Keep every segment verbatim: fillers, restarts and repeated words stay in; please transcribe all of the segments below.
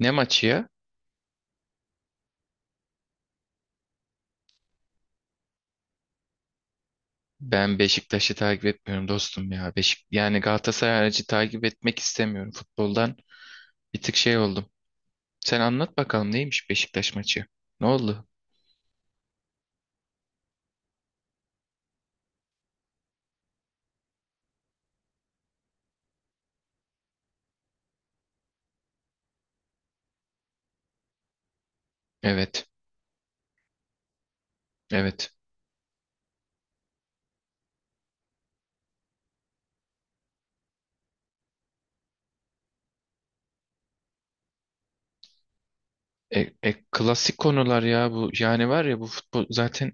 Ne maçı ya? Ben Beşiktaş'ı takip etmiyorum dostum ya. Beşik yani Galatasaray harici takip etmek istemiyorum. Futboldan bir tık şey oldum. Sen anlat bakalım neymiş Beşiktaş maçı? Ne oldu? Evet. Evet. E, e, klasik konular ya bu. Yani var ya bu futbol zaten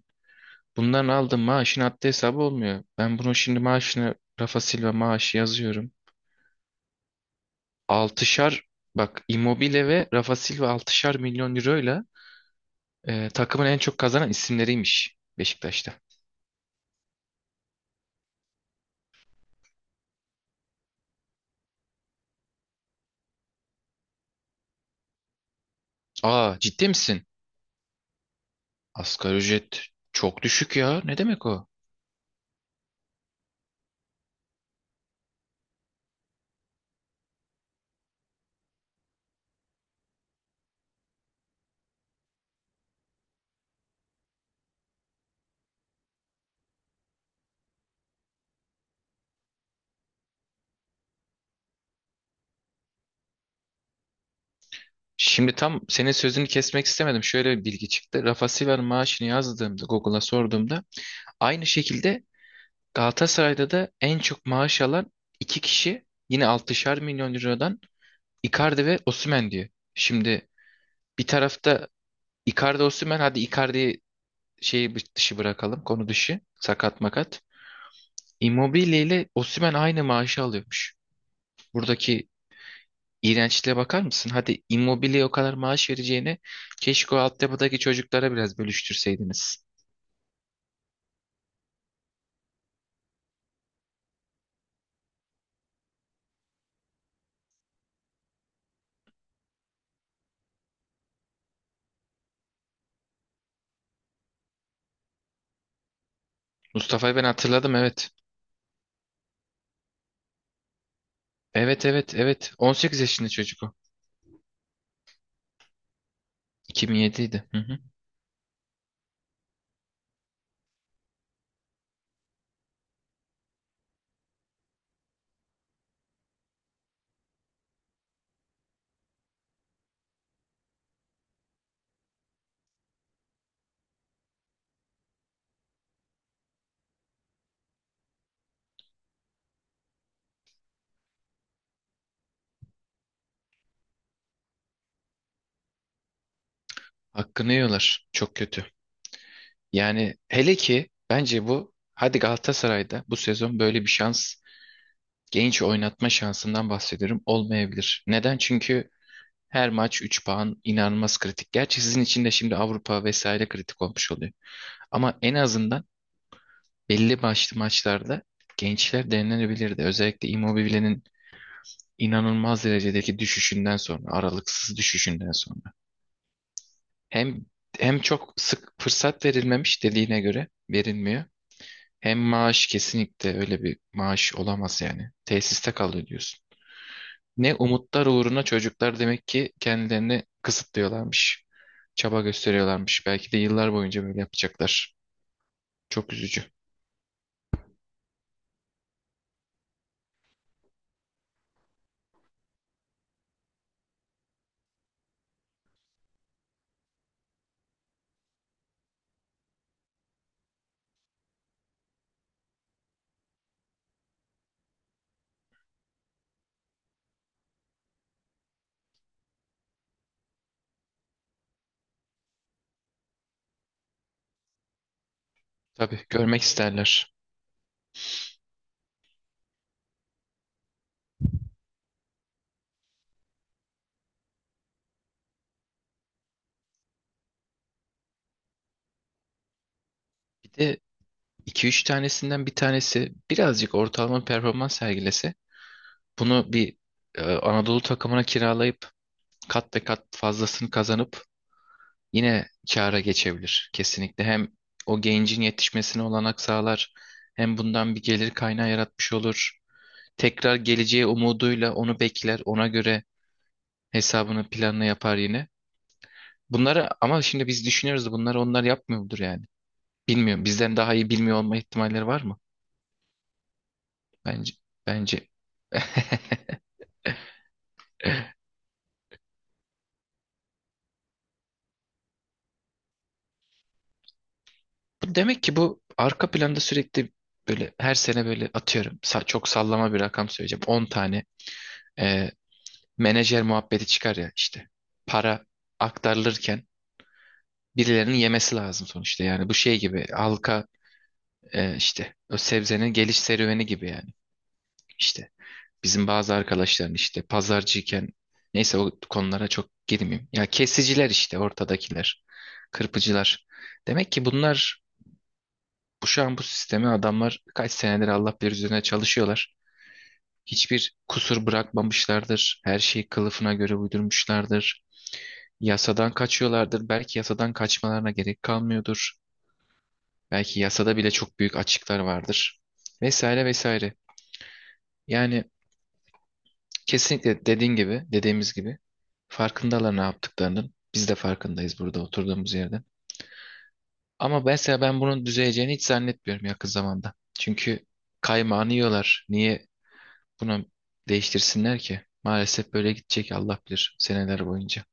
bundan aldığım maaşın haddi hesabı olmuyor. Ben bunu şimdi maaşını Rafa Silva maaşı yazıyorum. Altışar bak, Immobile ve Rafa Silva altışar milyon euroyla e, takımın en çok kazanan isimleriymiş Beşiktaş'ta. Aa, ciddi misin? Asgari ücret çok düşük ya. Ne demek o? Şimdi tam senin sözünü kesmek istemedim. Şöyle bir bilgi çıktı. Rafa Silva'nın maaşını yazdığımda Google'a sorduğumda aynı şekilde Galatasaray'da da en çok maaş alan iki kişi yine altışar milyon liradan Icardi ve Osimhen diyor. Şimdi bir tarafta Icardi Osimhen, hadi Icardi'yi şeyi dışı bırakalım, konu dışı, sakat makat. Immobile ile Osimhen aynı maaşı alıyormuş. Buradaki iğrençliğe bakar mısın? Hadi Immobile'ye o kadar maaş vereceğine keşke o altyapıdaki çocuklara biraz bölüştürseydiniz. Mustafa'yı ben hatırladım, evet. Evet, evet, evet. on sekiz yaşında çocuk o. iki bin yediydi. Hı hı. Hakkını yiyorlar. Çok kötü. Yani hele ki bence bu, hadi Galatasaray'da bu sezon böyle bir şans, genç oynatma şansından bahsediyorum, olmayabilir. Neden? Çünkü her maç üç puan inanılmaz kritik. Gerçi sizin için de şimdi Avrupa vesaire kritik olmuş oluyor. Ama en azından belli başlı maçlarda gençler denenebilirdi. Özellikle Immobile'nin inanılmaz derecedeki düşüşünden sonra, aralıksız düşüşünden sonra. Hem hem çok sık fırsat verilmemiş dediğine göre verilmiyor. Hem maaş, kesinlikle öyle bir maaş olamaz yani. Tesiste kalıyor diyorsun. Ne umutlar uğruna çocuklar demek ki kendilerini kısıtlıyorlarmış. Çaba gösteriyorlarmış. Belki de yıllar boyunca böyle yapacaklar. Çok üzücü. Tabii görmek isterler. Bir de iki üç tanesinden bir tanesi birazcık ortalama performans sergilese, bunu bir e, Anadolu takımına kiralayıp kat ve kat fazlasını kazanıp yine kâra geçebilir kesinlikle. Hem o gencin yetişmesine olanak sağlar, hem bundan bir gelir kaynağı yaratmış olur. Tekrar geleceği umuduyla onu bekler, ona göre hesabını planını yapar yine. Bunları ama şimdi biz düşünüyoruz da bunları onlar yapmıyor mudur yani? Bilmiyorum. Bizden daha iyi bilmiyor olma ihtimalleri var mı? Bence bence Demek ki bu arka planda sürekli böyle her sene, böyle atıyorum sa- çok sallama bir rakam söyleyeceğim, on tane e, menajer muhabbeti çıkar ya işte, para aktarılırken birilerinin yemesi lazım sonuçta. Yani bu şey gibi, halka e, işte o sebzenin geliş serüveni gibi yani, işte bizim bazı arkadaşların işte pazarcıyken, neyse o konulara çok girmeyeyim ya, kesiciler işte, ortadakiler, kırpıcılar, demek ki bunlar. Bu şu an bu sistemi adamlar kaç senedir Allah bilir üzerine çalışıyorlar. Hiçbir kusur bırakmamışlardır. Her şeyi kılıfına göre uydurmuşlardır. Yasadan kaçıyorlardır. Belki yasadan kaçmalarına gerek kalmıyordur. Belki yasada bile çok büyük açıklar vardır. Vesaire vesaire. Yani kesinlikle dediğin gibi, dediğimiz gibi farkındalar ne yaptıklarının. Biz de farkındayız burada oturduğumuz yerde. Ama mesela ben bunun düzeleceğini hiç zannetmiyorum yakın zamanda. Çünkü kaymağını yiyorlar. Niye bunu değiştirsinler ki? Maalesef böyle gidecek Allah bilir seneler boyunca.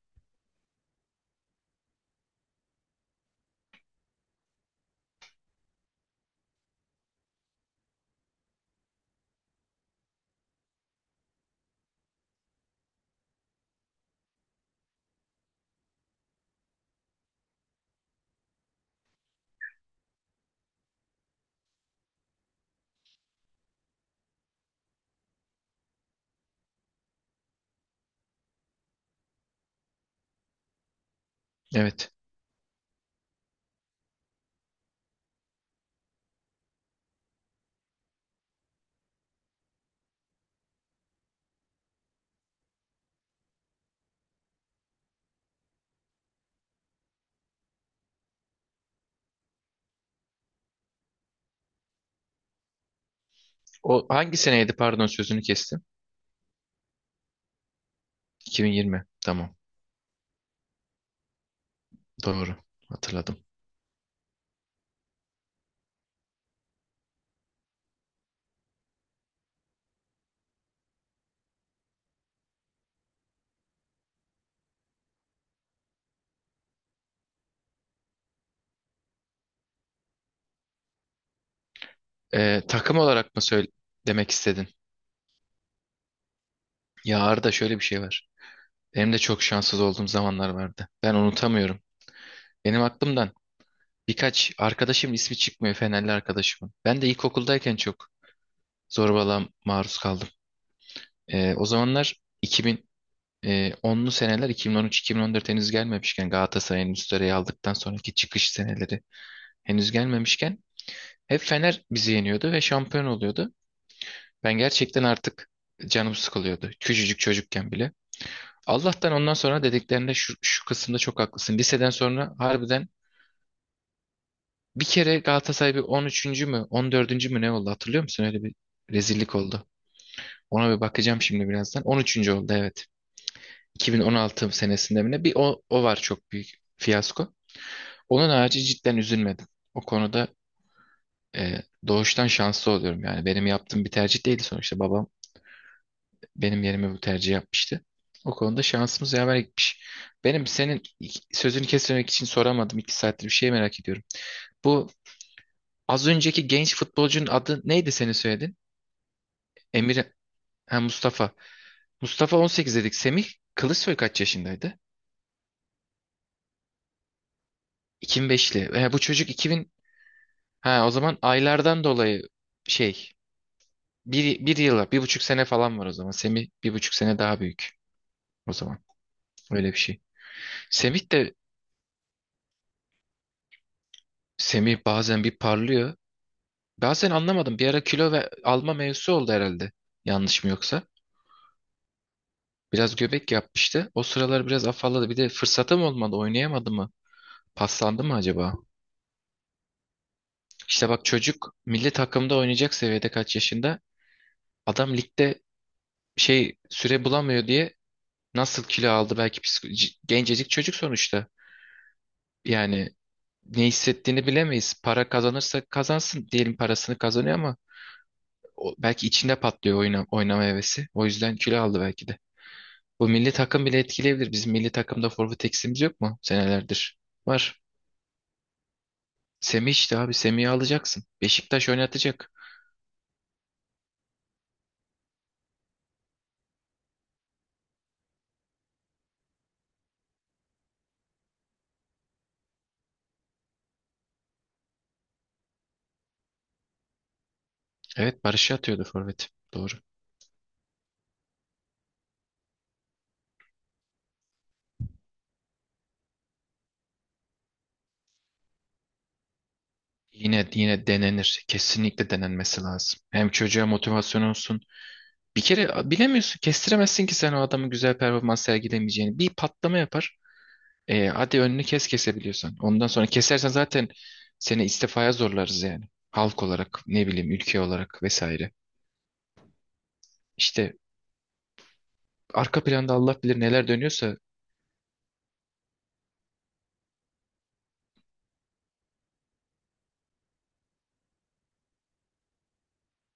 Evet. O hangi seneydi? Pardon sözünü kestim. iki bin yirmi. Tamam. Doğru. Hatırladım. Ee, takım olarak mı söyle demek istedin? Ya Arda, şöyle bir şey var. Benim de çok şanssız olduğum zamanlar vardı. Ben unutamıyorum. Benim aklımdan birkaç arkadaşım ismi çıkmıyor, Fenerli arkadaşımın. Ben de ilkokuldayken çok zorbalığa maruz kaldım. Ee, o zamanlar iki bin, E, onlu seneler, iki bin on üç-iki bin on dört henüz gelmemişken, Galatasaray'ın üst sırayı aldıktan sonraki çıkış seneleri henüz gelmemişken hep Fener bizi yeniyordu ve şampiyon oluyordu. Ben gerçekten artık canım sıkılıyordu. Küçücük çocukken bile. Allah'tan ondan sonra dediklerinde şu, şu kısımda çok haklısın. Liseden sonra harbiden bir kere Galatasaray bir on üçüncü mü, on dördüncü mü ne oldu hatırlıyor musun? Öyle bir rezillik oldu. Ona bir bakacağım şimdi birazdan. on üçüncü oldu, evet. iki bin on altı senesinde mi ne? Bir o, o var, çok büyük fiyasko. Onun harici cidden üzülmedim. O konuda e, doğuştan şanslı oluyorum. Yani benim yaptığım bir tercih değildi sonuçta. Babam benim yerime bu tercih yapmıştı. O konuda şansımız yaver gitmiş. Benim senin ik- sözünü kesmemek için soramadım. İki saattir bir şey merak ediyorum. Bu az önceki genç futbolcunun adı neydi, senin söyledin? Emir, ha, Mustafa. Mustafa on sekiz dedik. Semih Kılıçsoy kaç yaşındaydı? iki bin beşli. E, bu çocuk iki bin, ha, o zaman aylardan dolayı şey, Bir, bir yıla, bir buçuk sene falan var o zaman. Semih bir buçuk sene daha büyük o zaman. Öyle bir şey. Semih de Semih bazen bir parlıyor. Bazen anlamadım. Bir ara kilo ve alma mevzusu oldu herhalde. Yanlış mı yoksa? Biraz göbek yapmıştı. O sıralar biraz afalladı. Bir de fırsatı mı olmadı? Oynayamadı mı? Paslandı mı acaba? İşte bak çocuk milli takımda oynayacak seviyede kaç yaşında? Adam ligde şey süre bulamıyor diye nasıl kilo aldı? Belki psiko- c- gencecik çocuk sonuçta. Yani ne hissettiğini bilemeyiz. Para kazanırsa kazansın diyelim, parasını kazanıyor ama o, belki içinde patlıyor oyna, oynama hevesi. O yüzden kilo aldı belki de. Bu milli takım bile etkileyebilir. Bizim milli takımda forvet eksiğimiz yok mu senelerdir? Var. Semih işte abi, Semih'i alacaksın. Beşiktaş oynatacak. Evet, Barış'ı atıyordu forvet. Doğru. Yine yine denenir. Kesinlikle denenmesi lazım. Hem çocuğa motivasyon olsun. Bir kere bilemiyorsun, kestiremezsin ki sen o adamın güzel performans sergilemeyeceğini. Bir patlama yapar. E, hadi önünü kes kesebiliyorsan. Ondan sonra kesersen zaten seni istifaya zorlarız yani. Halk olarak, ne bileyim, ülke olarak vesaire. İşte arka planda Allah bilir neler dönüyorsa,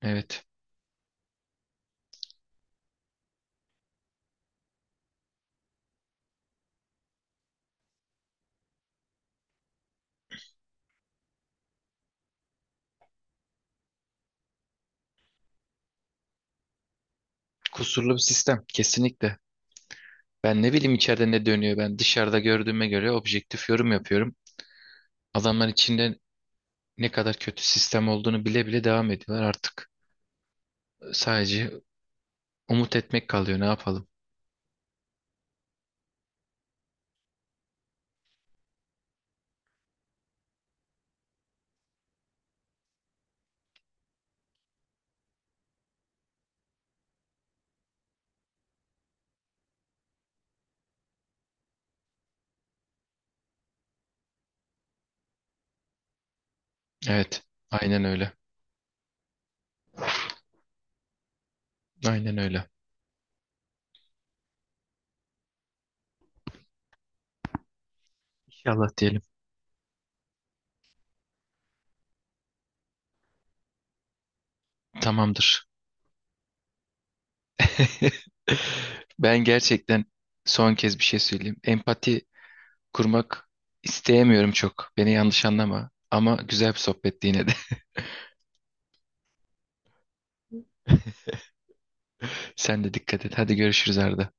evet, kusurlu bir sistem kesinlikle. Ben ne bileyim içeride ne dönüyor, ben dışarıda gördüğüme göre objektif yorum yapıyorum. Adamlar içinde ne kadar kötü sistem olduğunu bile bile devam ediyorlar artık. Sadece umut etmek kalıyor, ne yapalım. Evet, aynen öyle. Aynen öyle. İnşallah diyelim. Tamamdır. Ben gerçekten son kez bir şey söyleyeyim. Empati kurmak isteyemiyorum çok. Beni yanlış anlama. Ama güzel bir sohbetti yine de. Sen de dikkat et. Hadi görüşürüz, Arda.